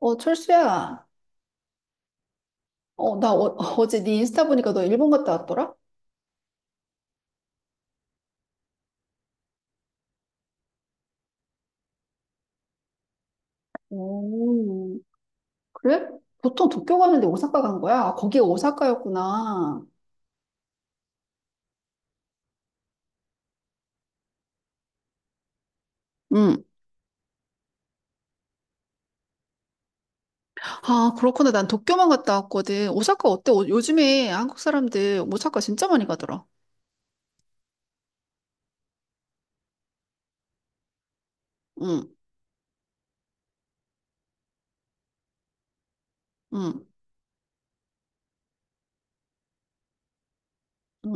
어, 철수야. 어, 나 어제 네 인스타 보니까 너 일본 갔다 왔더라? 오, 그래? 보통 도쿄 가는데 오사카 간 거야? 아, 거기 오사카였구나. 응. 아, 그렇구나. 난 도쿄만 갔다 왔거든. 오사카 어때? 요즘에 한국 사람들 오사카 진짜 많이 가더라. 응, 응, 응.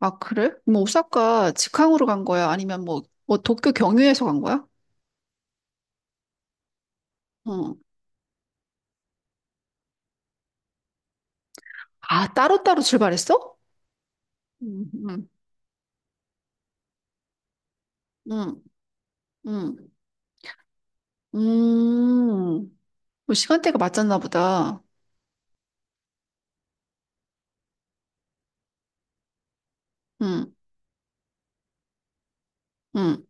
아, 그래? 뭐 오사카 직항으로 간 거야? 아니면 뭐 도쿄 경유해서 간 거야? 응. 아, 따로따로 출발했어? 응, 응, 응, 응. 음. 뭐 시간대가 맞았나 보다. 응, 응.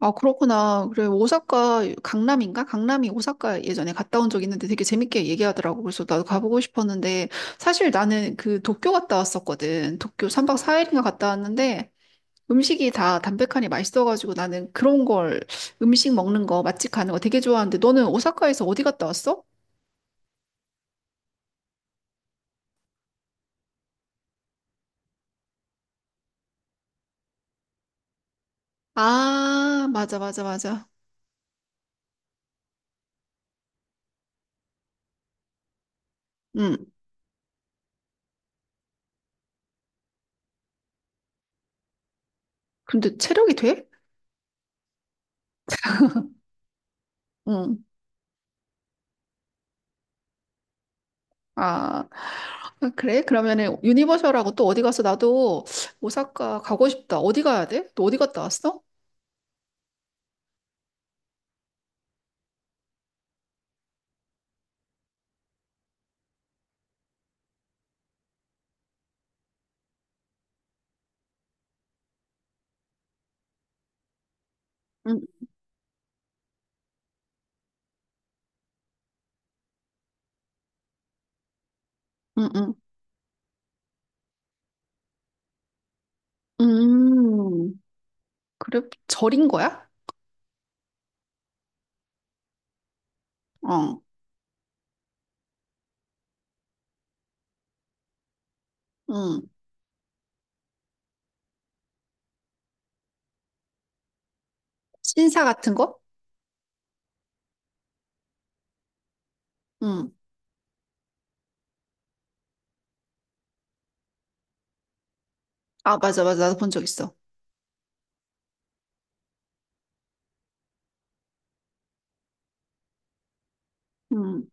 아, 그렇구나. 그래, 오사카, 강남인가? 강남이 오사카 예전에 갔다 온 적 있는데 되게 재밌게 얘기하더라고. 그래서 나도 가보고 싶었는데, 사실 나는 그 도쿄 갔다 왔었거든. 도쿄 3박 4일인가 갔다 왔는데, 음식이 다 담백하니 맛있어가지고 나는 그런 걸, 음식 먹는 거, 맛집 가는 거 되게 좋아하는데, 너는 오사카에서 어디 갔다 왔어? 아, 맞아, 맞아, 맞아. 응. 근데 체력이 돼? 응. 아, 아, 그래? 그러면은 유니버셜하고 또 어디 가서 나도 오사카 가고 싶다. 어디 가야 돼? 너 어디 갔다 왔어? 응, 응, 응. 음, 그래? 절인 거야? 어, 응. 신사 같은 거? 응. 아, 맞아, 맞아. 나도 본 적 있어. 응.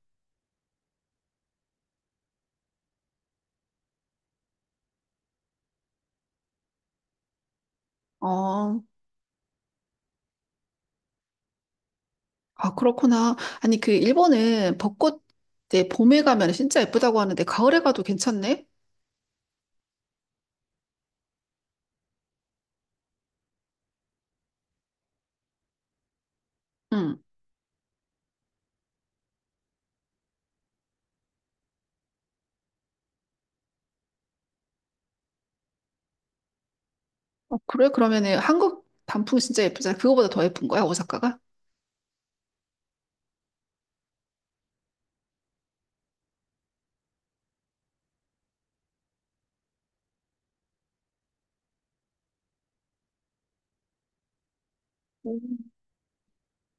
어, 아, 그렇구나. 아니, 그 일본은 벚꽃 때 봄에 가면 진짜 예쁘다고 하는데 가을에 가도 괜찮네? 응. 어, 그래? 그러면은 한국 단풍 진짜 예쁘잖아. 그거보다 더 예쁜 거야, 오사카가?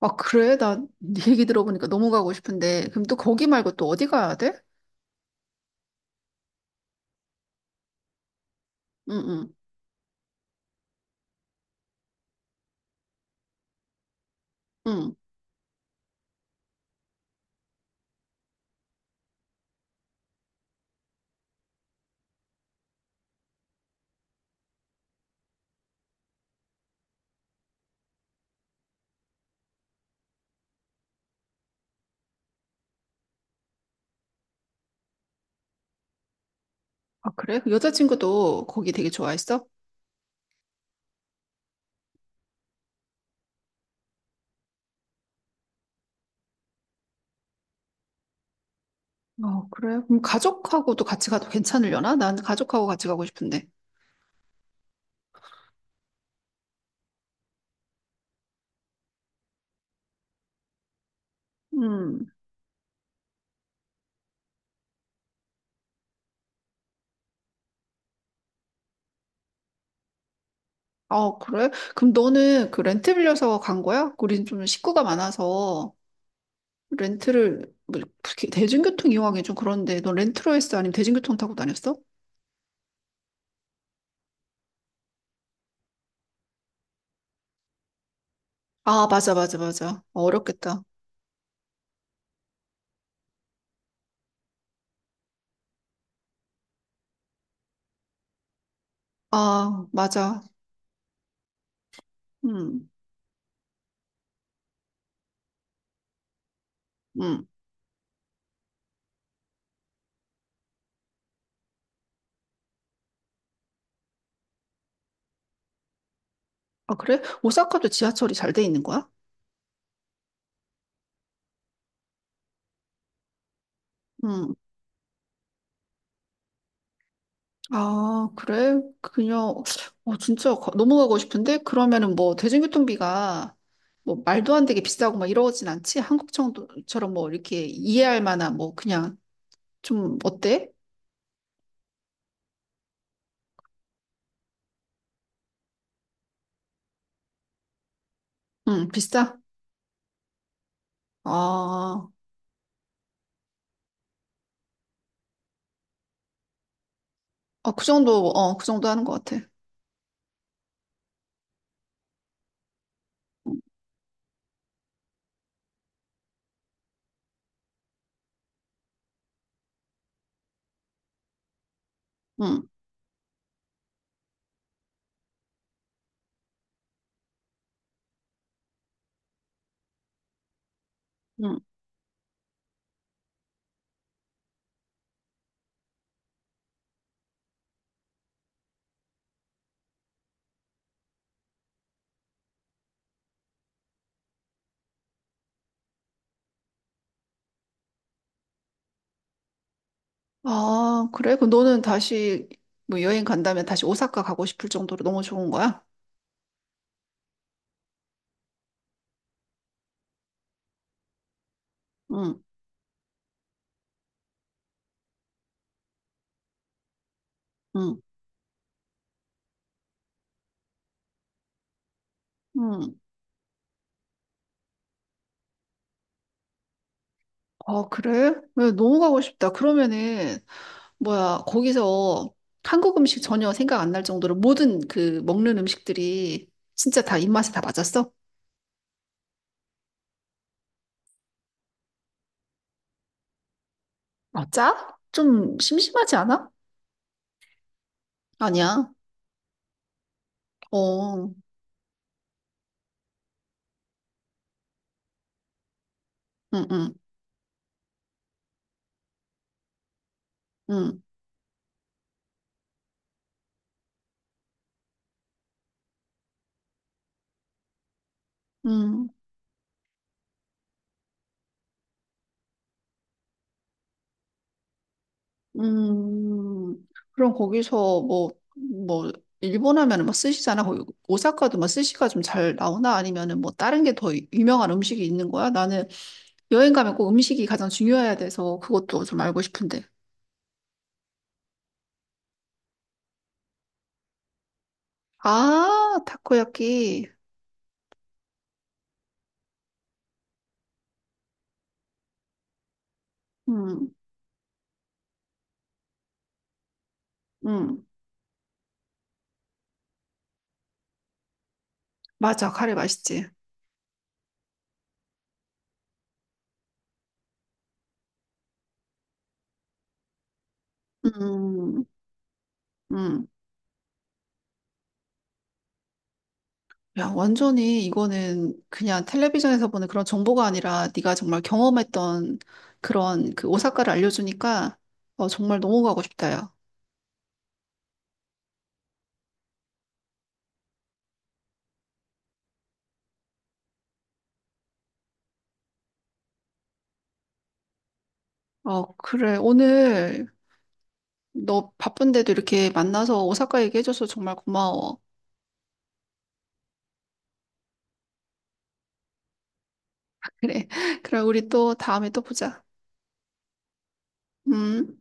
아, 그래? 나 네 얘기 들어보니까 너무 가고 싶은데. 그럼 또 거기 말고 또 어디 가야 돼? 응, 응, 응. 아, 그래? 그 여자친구도 거기 되게 좋아했어? 어, 그래? 그럼 가족하고도 같이 가도 괜찮으려나? 난 가족하고 같이 가고 싶은데. 음. 아, 그래? 그럼 너는 그 렌트 빌려서 간 거야? 우린 좀 식구가 많아서 렌트를, 뭐, 특히 대중교통 이용하기 좀 그런데 넌 렌트로 했어? 아니면 대중교통 타고 다녔어? 아, 맞아, 맞아, 맞아. 어, 어렵겠다. 아, 맞아. 음. 음, 아, 그래? 오사카도 지하철이 잘 돼 있는 거야? 응. 아, 그래? 그냥, 어, 진짜 너무 가고 싶은데? 그러면은 뭐, 대중교통비가 뭐, 말도 안 되게 비싸고 막 이러진 않지? 한국 정도처럼 뭐, 이렇게 이해할 만한 뭐, 그냥 좀, 어때? 응, 비싸? 아, 아, 그 정도, 어, 그 정도 하는 것 같아. 응, 응. 응. 아, 그래? 그럼 너는 다시 뭐 여행 간다면 다시 오사카 가고 싶을 정도로 너무 좋은 거야? 응, 응, 응. 아, 그래? 왜, 너무 가고 싶다. 그러면은, 뭐야, 거기서 한국 음식 전혀 생각 안 날 정도로 모든 그 먹는 음식들이 진짜 다 입맛에 다 맞았어? 아, 짜? 좀 심심하지 않아? 아니야. 어, 응, 응, 응, 응. 음, 그럼 거기서 뭐, 일본 하면은 뭐 스시잖아. 거기 오사카도 막 스시가 좀 잘 나오나? 아니면은 뭐 다른 게 더 유명한 음식이 있는 거야? 나는 여행 가면 꼭 음식이 가장 중요해야 돼서 그것도 좀 알고 싶은데. 아, 타코야키. 음, 음. 맞아. 카레 맛있지. 음, 음. 야, 완전히 이거는 그냥 텔레비전에서 보는 그런 정보가 아니라 네가 정말 경험했던 그런 그 오사카를 알려주니까 어, 정말 너무 가고 싶다, 야. 어, 그래. 오늘 너 바쁜데도 이렇게 만나서 오사카 얘기해줘서 정말 고마워. 그래. 그럼 우리 또 다음에 또 보자. 음.